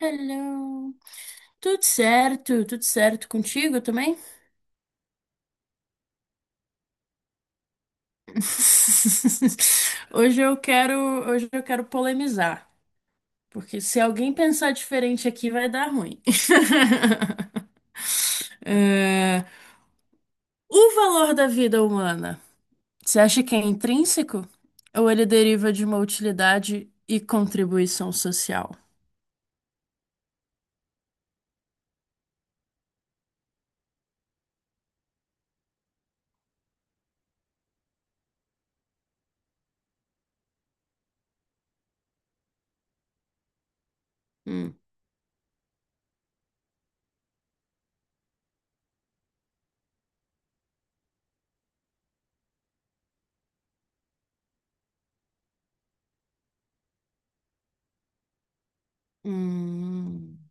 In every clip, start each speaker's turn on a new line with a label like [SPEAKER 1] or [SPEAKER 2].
[SPEAKER 1] Hello. Tudo certo? Tudo certo contigo também? Hoje eu quero, hoje eu quero polemizar, porque se alguém pensar diferente aqui vai dar ruim. É, o valor da vida humana, você acha que é intrínseco ou ele deriva de uma utilidade e contribuição social? Hum. Hum.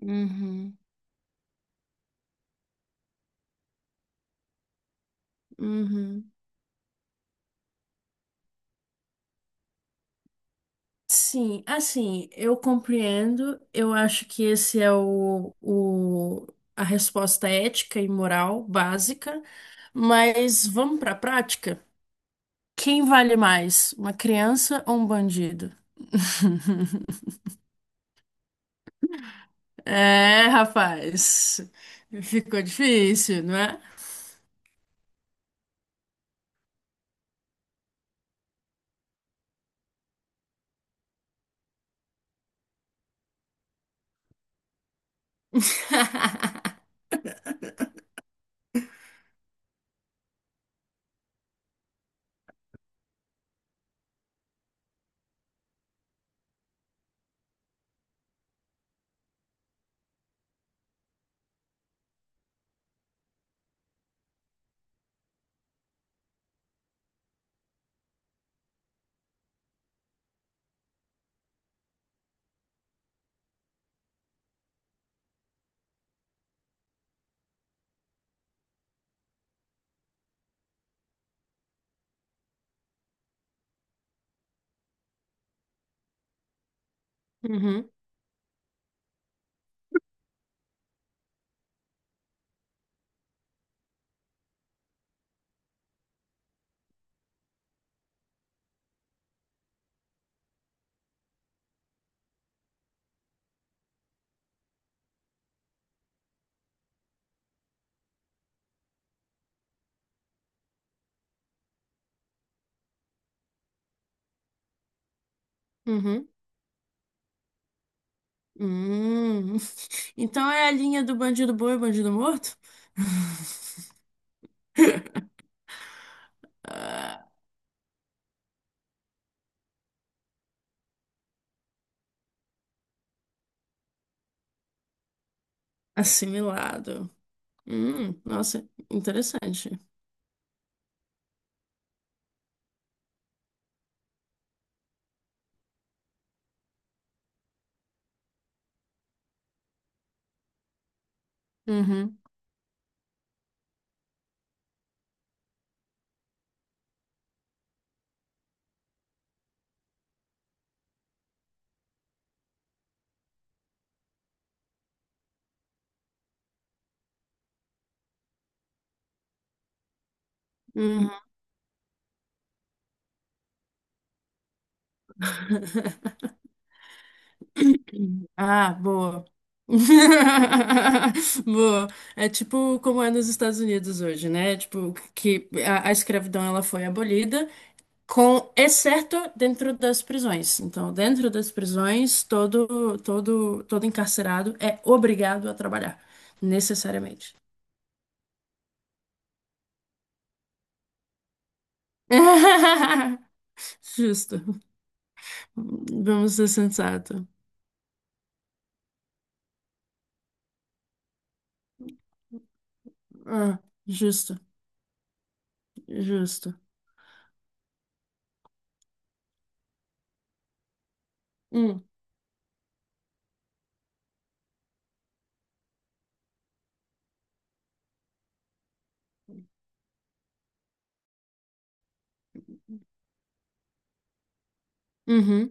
[SPEAKER 1] Hum. Uhum. Uhum. Sim, assim, eu compreendo. Eu acho que esse é o, a resposta ética e moral básica, mas vamos para a prática? Quem vale mais, uma criança ou um bandido? É, rapaz, ficou difícil, não é? Uhum. Uhum. Hum. Então é a linha do bandido bom e bandido morto? Assimilado. Nossa, interessante. Uhum. Uhum. Ah, boa. Boa. É tipo como é nos Estados Unidos hoje, né? Tipo, que a escravidão ela foi abolida, com exceto dentro das prisões. Então, dentro das prisões, todo encarcerado é obrigado a trabalhar, necessariamente. Justo. Vamos ser sensato. Ah, justo, justo. Hum. Uhum,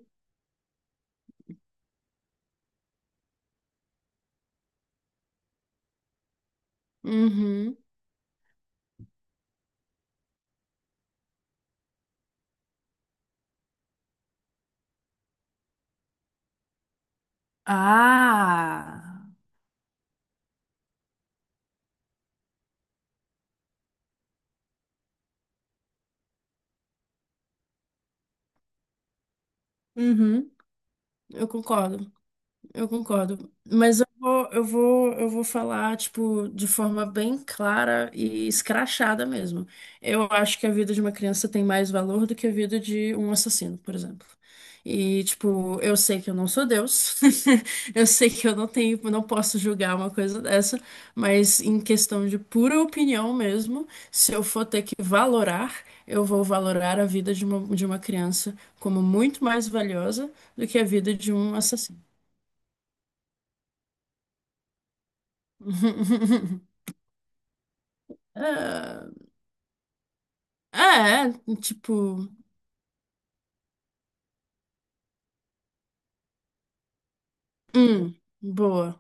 [SPEAKER 1] uhum. Ah, uhum, eu concordo. Eu concordo, mas eu vou falar, tipo, de forma bem clara e escrachada mesmo. Eu acho que a vida de uma criança tem mais valor do que a vida de um assassino, por exemplo. E, tipo, eu sei que eu não sou Deus, eu sei que eu não tenho, não posso julgar uma coisa dessa, mas em questão de pura opinião mesmo, se eu for ter que valorar, eu vou valorar a vida de uma criança como muito mais valiosa do que a vida de um assassino. Ah, é, tipo, hum, boa.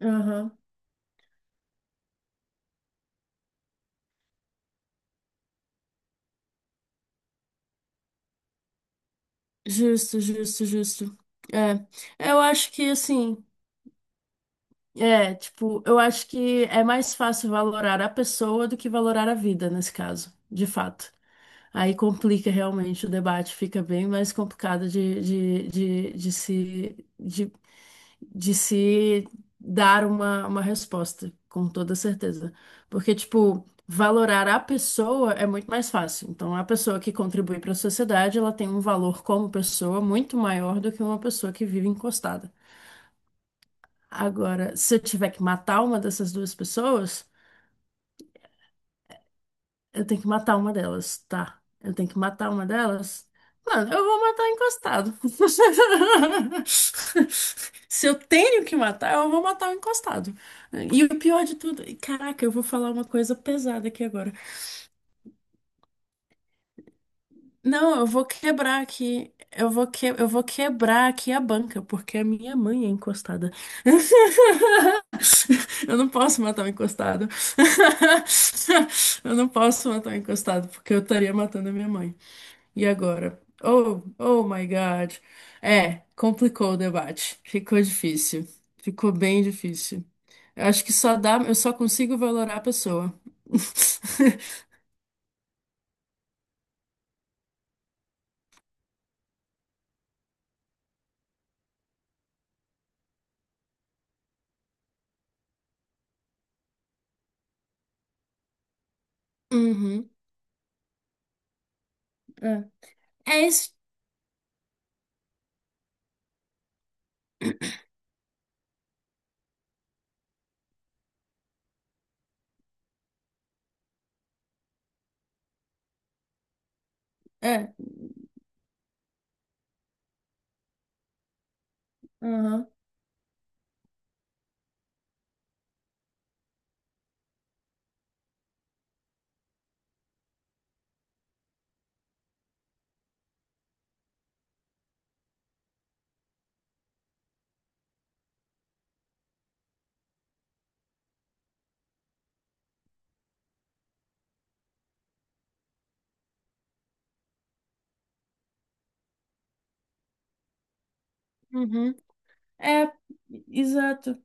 [SPEAKER 1] Aham. Justo, justo, justo. É, eu acho que assim, é, tipo, eu acho que é mais fácil valorar a pessoa do que valorar a vida nesse caso, de fato. Aí complica realmente o debate, fica bem mais complicado de, de se dar uma resposta, com toda certeza. Porque, tipo, valorar a pessoa é muito mais fácil. Então, a pessoa que contribui para a sociedade, ela tem um valor como pessoa muito maior do que uma pessoa que vive encostada. Agora, se eu tiver que matar uma dessas duas pessoas. Eu tenho que matar uma delas, tá? Eu tenho que matar uma delas? Mano, eu vou matar encostado. Se eu tenho que matar, eu vou matar o encostado. E o pior de tudo, e caraca, eu vou falar uma coisa pesada aqui agora. Não, eu vou quebrar aqui. Eu vou quebrar aqui a banca, porque a minha mãe é encostada. Eu não posso matar o encostado. Eu não posso matar o encostado, porque eu estaria matando a minha mãe. E agora? Oh, oh my God. É, complicou o debate. Ficou difícil. Ficou bem difícil. Eu acho que só dá, eu só consigo valorar a pessoa. Uhum, é. É isso. É. Uhum. Uhum. É, exato.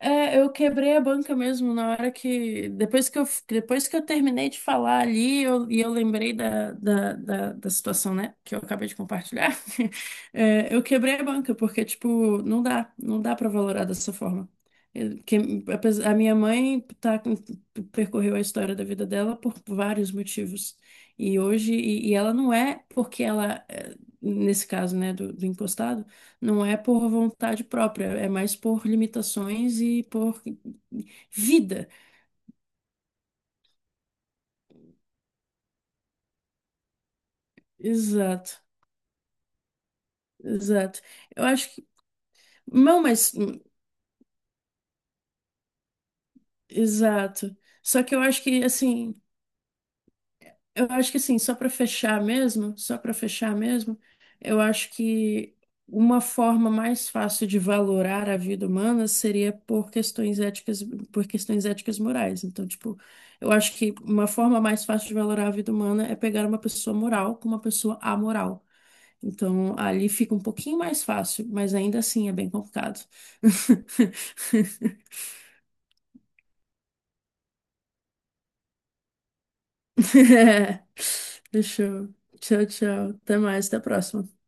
[SPEAKER 1] É, eu quebrei a banca mesmo na hora que. Depois que eu terminei de falar ali, e eu lembrei da situação, né? Que eu acabei de compartilhar. É, eu quebrei a banca, porque, tipo, não dá, não dá pra valorar dessa forma. Eu- que, a minha mãe percorreu a história da vida dela por vários motivos. E hoje, e ela não é porque ela, é, nesse caso, né, do encostado. Não é por vontade própria, é mais por limitações e por vida. Exato, exato. Eu acho que. Não, mas. Hum, exato. Só que eu acho que, assim. Eu acho que assim, só para fechar mesmo, só para fechar mesmo, eu acho que uma forma mais fácil de valorar a vida humana seria por questões éticas morais. Então, tipo, eu acho que uma forma mais fácil de valorar a vida humana é pegar uma pessoa moral com uma pessoa amoral. Então, ali fica um pouquinho mais fácil, mas ainda assim é bem complicado. Deixa eu. Tchau, tchau. Até mais, até a próxima.